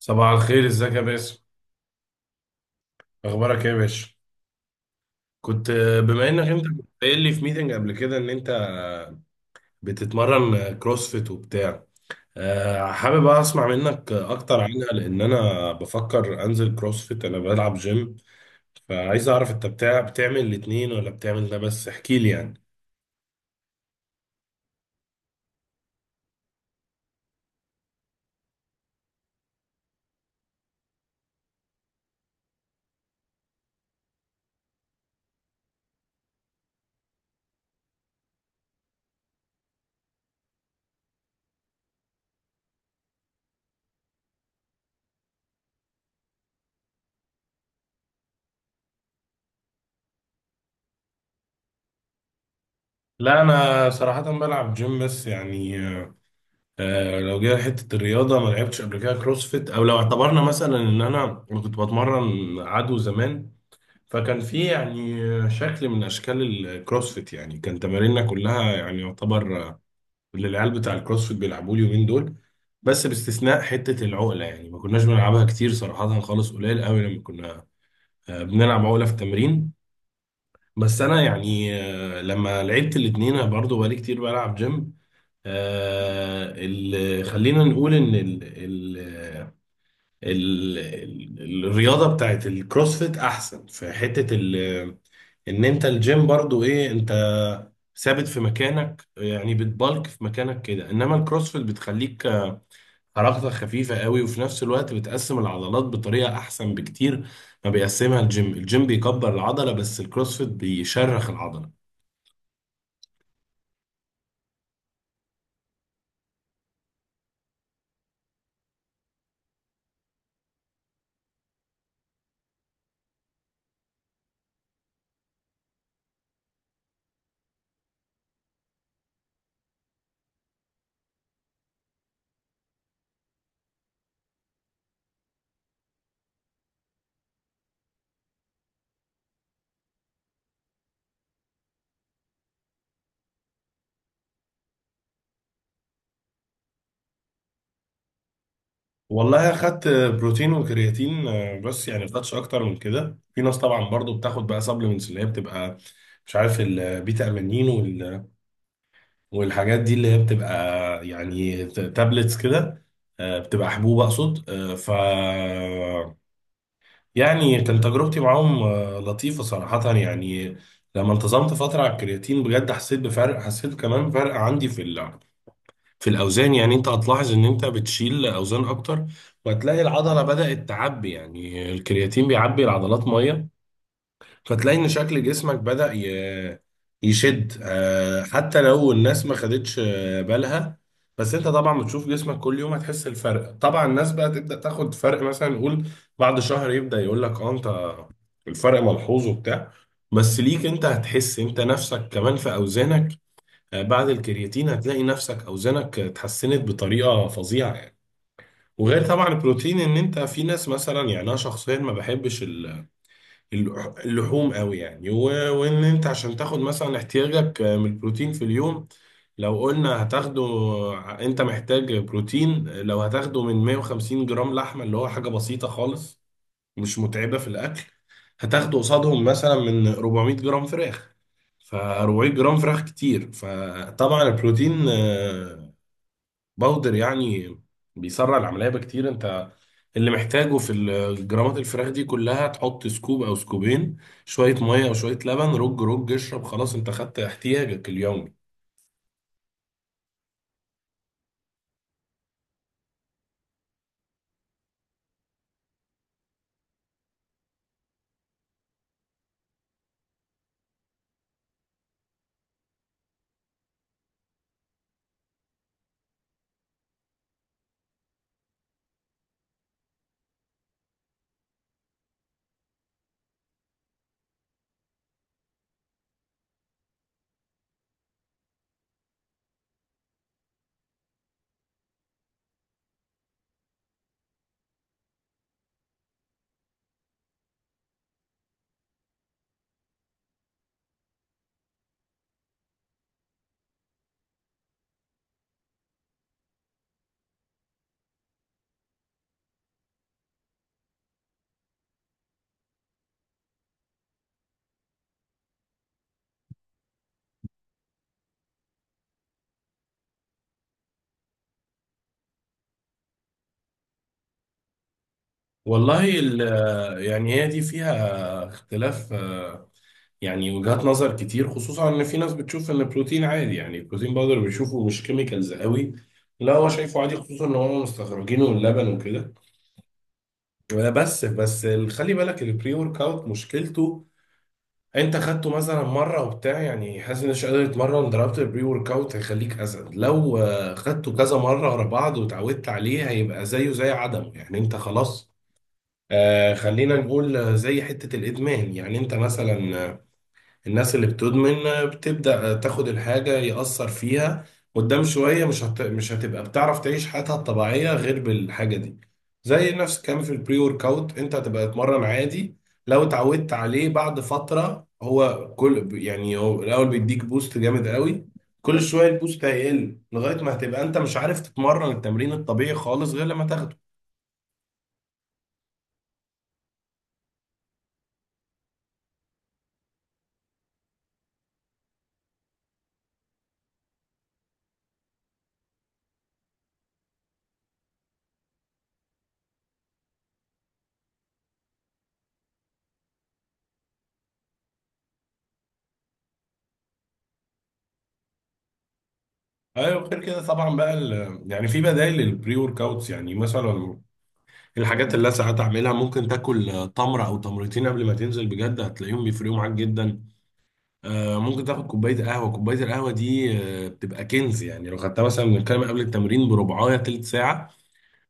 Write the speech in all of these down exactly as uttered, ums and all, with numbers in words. صباح الخير، ازيك يا باسم؟ اخبارك ايه يا باشا؟ كنت آه، بما انك انت كنت قايل لي في ميتنج قبل كده ان انت بتتمرن آه، كروسفيت وبتاع. آه، حابب بقى اسمع منك آه، اكتر عنها، لان انا بفكر انزل كروسفيت، انا بلعب جيم، فعايز اعرف انت بتاع بتعمل الاتنين ولا بتعمل ده بس، احكي لي يعني. لا انا صراحة بلعب جيم بس يعني، آه، لو جينا حتة الرياضة، ما لعبتش قبل كده كروسفيت، او لو اعتبرنا مثلا ان انا أنا كنت بتمرن عدو زمان، فكان في يعني شكل من اشكال الكروسفيت، يعني كان تماريننا كلها يعني يعتبر اللي العيال بتاع الكروسفيت بيلعبوه اليومين دول، بس باستثناء حته العقله، يعني ما كناش بنلعبها كتير صراحه، خالص قليل قوي لما كنا آه، بنلعب عقله في التمرين. بس انا يعني، آه، لما لعبت الاتنين أنا برضه بقالي كتير بلعب جيم. آه، ال- خلينا نقول ان ال ال ال ال الرياضه بتاعت الكروسفيت احسن في حته ان انت الجيم برضو ايه، انت ثابت في مكانك، يعني بتبالك في مكانك كده، انما الكروسفيت بتخليك حركتك خفيفة قوي، وفي نفس الوقت بتقسم العضلات بطريقة احسن بكتير ما بيقسمها الجيم. الجيم بيكبر العضلة، بس الكروسفيت بيشرخ العضلة. والله اخدت بروتين وكرياتين، آه، بس يعني ما خدتش اكتر من كده. في ناس طبعا برضو بتاخد بقى سبلمنتس اللي هي بتبقى مش عارف البيتا امينين والحاجات دي، اللي هي بتبقى يعني ت- تابلتس كده، آه، بتبقى حبوب اقصد، آه، ف يعني كانت تجربتي معاهم آه، لطيفة صراحة يعني. لما انتظمت فترة على الكرياتين، بجد حسيت بفرق، حسيت كمان بفرق عندي في ال... في الاوزان، يعني انت هتلاحظ ان انت بتشيل اوزان اكتر، وهتلاقي العضلة بدأت تعبي، يعني الكرياتين بيعبي العضلات مية. فتلاقي ان شكل جسمك بدأ ي- يشد، آه، حتى لو الناس ما خدتش آه، بالها، بس انت طبعا بتشوف جسمك كل يوم هتحس الفرق. طبعا الناس بقى تبدأ تاخد فرق مثلا نقول بعد شهر، يبدأ يقول لك اه انت الفرق ملحوظ وبتاع، بس ليك انت هتحس انت نفسك كمان في اوزانك. آه، بعد الكرياتين هتلاقي نفسك اوزانك اتحسنت بطريقة فظيعة يعني. وغير طبعا البروتين، ان انت في ناس مثلا، يعني انا شخصيا ما بحبش اللح- اللحوم قوي يعني، و- وان انت عشان تاخد مثلا احتياجك من البروتين في اليوم، لو قلنا هتاخده، انت محتاج بروتين لو هتاخده من مية وخمسين جرام لحمة، اللي هو حاجة بسيطة خالص، مش متعبة في الاكل، هتاخده قصادهم مثلا من اربعمية جرام فراخ، ف اربعمية جرام فراخ كتير. فطبعا البروتين آه، باودر يعني بيسرع العملية بكتير. انت اللي محتاجه في ال- جرامات الفراخ دي كلها، تحط سكوب او سكوبين، شوية مية او شوية لبن، رج رج، اشرب، خلاص انت خدت احتياجك اليومي. والله ال- يعني هي دي فيها اختلاف، آه، يعني وجهات نظر كتير، خصوصا ان في ناس بتشوف ان البروتين عادي، يعني البروتين باودر بيشوفه مش كيميكالز قوي، لا هو شايفه عادي خصوصا ان هم مستخرجينه من اللبن وكده. بس بس خلي بالك البري ورك اوت مشكلته انت خدته مثلا مره وبتاع يعني حاسس انك مش قادر تتمرن، ضربت البري ورك اوت هيخليك اسد، لو آه، خدته كذا مره ورا بعض وتعودت عليه هيبقى زيه زي عدمه يعني. انت خلاص، آه خلينا نقول آه، زي حته الادمان، يعني انت مثلا آه، الناس اللي بتدمن بتبدأ تاخد الحاجة يأثر فيها، قدام شوية مش هت... مش هتبقى بتعرف تعيش حياتها الطبيعية غير بالحاجة دي. زي نفس الكلام في البري ورك اوت، انت هتبقى تتمرن عادي، لو اتعودت عليه بعد فترة هو كل يعني هو الأول بيديك بوست جامد قوي، كل شوية البوست هيقل لغاية ما هتبقى انت مش عارف تتمرن التمرين الطبيعي خالص غير لما تاخده. ايوه غير كده طبعا بقى ال... يعني في بدائل للبري ورك اوتس، يعني مثلا الحاجات اللي أنا ساعات اعملها، ممكن تاكل تمره او تمرتين قبل ما تنزل بجد هتلاقيهم بيفرقوا معاك جدا. آه، ممكن تاخد كوبايه قهوه، كوبايه القهوه دي آه، بتبقى كنز، يعني لو خدتها مثلا، بنتكلم قبل التمرين بربعايه تلت ساعه،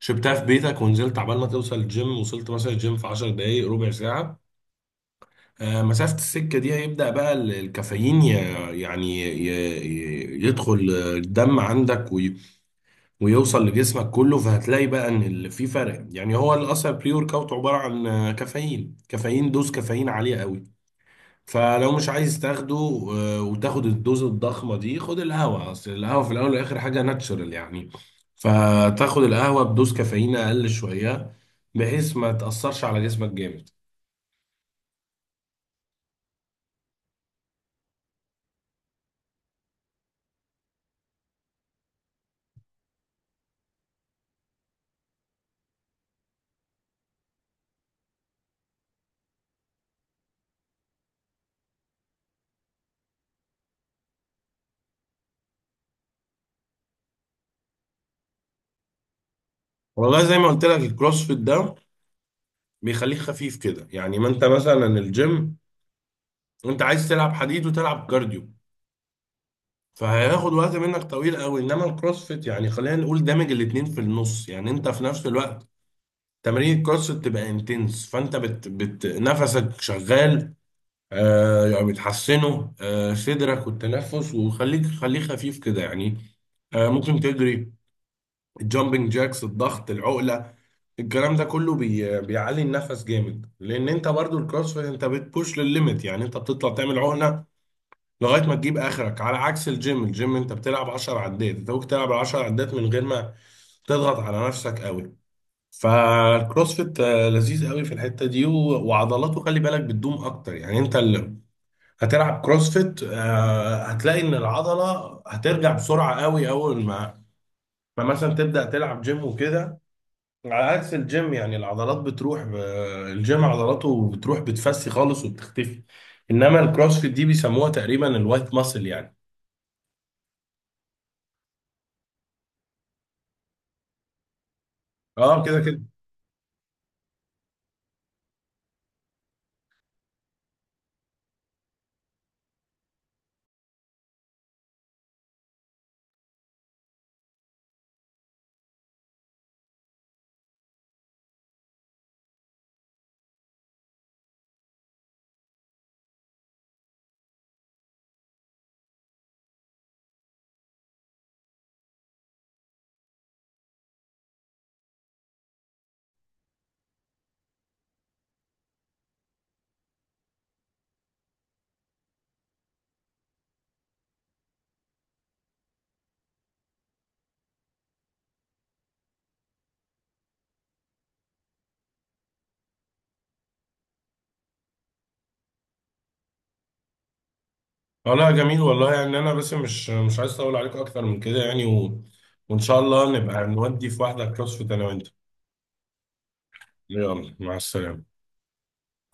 شربتها في بيتك ونزلت، عبال ما توصل الجيم، وصلت مثلا الجيم في عشر دقائق ربع ساعه، آه، مسافه السكه دي هيبدا بقى ال- الكافيين ي- يعني ي- ي- يدخل الدم عندك ويوصل لجسمك كله، فهتلاقي بقى ان ال- في فرق. يعني هو اللي اصلا بري ورك اوت عباره عن آه، كافيين كافيين دوز كافيين عاليه قوي، فلو مش عايز تاخده آه، وتاخد الدوز الضخمه دي، خد القهوه، اصل القهوه في الاول والاخر حاجه ناتشورال يعني، فتاخد القهوه بدوز كافيين اقل شويه، بحيث ما تاثرش على جسمك جامد. والله زي ما قلت لك الكروسفيت ده بيخليك خفيف كده، يعني ما انت مثلا الجيم انت عايز تلعب حديد وتلعب كارديو، فهياخد وقت منك طويل قوي، انما الكروسفيت يعني خلينا نقول دامج الاتنين في النص، يعني انت في نفس الوقت تمارين الكروسفيت تبقى انتنس، فانت بت, بت نفسك شغال، آه يعني بتحسنه آه صدرك والتنفس، وخليك خليه خفيف كده يعني. آه ممكن تجري، الجامبنج جاكس، الضغط، العقلة، الكلام ده كله بي بيعلي النفس جامد، لان انت برضو الكروسفيت انت بتبوش للليميت، يعني انت بتطلع تعمل عقلة لغايه ما تجيب اخرك، على عكس الجيم، الجيم انت بتلعب عشر عدات، انت ممكن تلعب عشر عدات من غير ما تضغط على نفسك قوي. فالكروسفيت آه، لذيذ قوي في الحته دي، و- وعضلاته خلي بالك بتدوم اكتر، يعني انت اللي هتلعب كروسفيت آه، هتلاقي ان العضله هترجع بسرعه قوي اول ما ما مثلا تبدا تلعب جيم وكده، على عكس الجيم. يعني العضلات بتروح ب- الجيم عضلاته بتروح بتفسي خالص وبتختفي، انما الكروسفيت دي بيسموها تقريبا الوايت ماسل يعني. اه كده كده. اه لا جميل والله، يعني انا بس مش مش عايز اطول عليكم اكتر من كده يعني، و... وان شاء الله نبقى نودي في واحده كروسفيت انا وانت. يلا مع السلامه.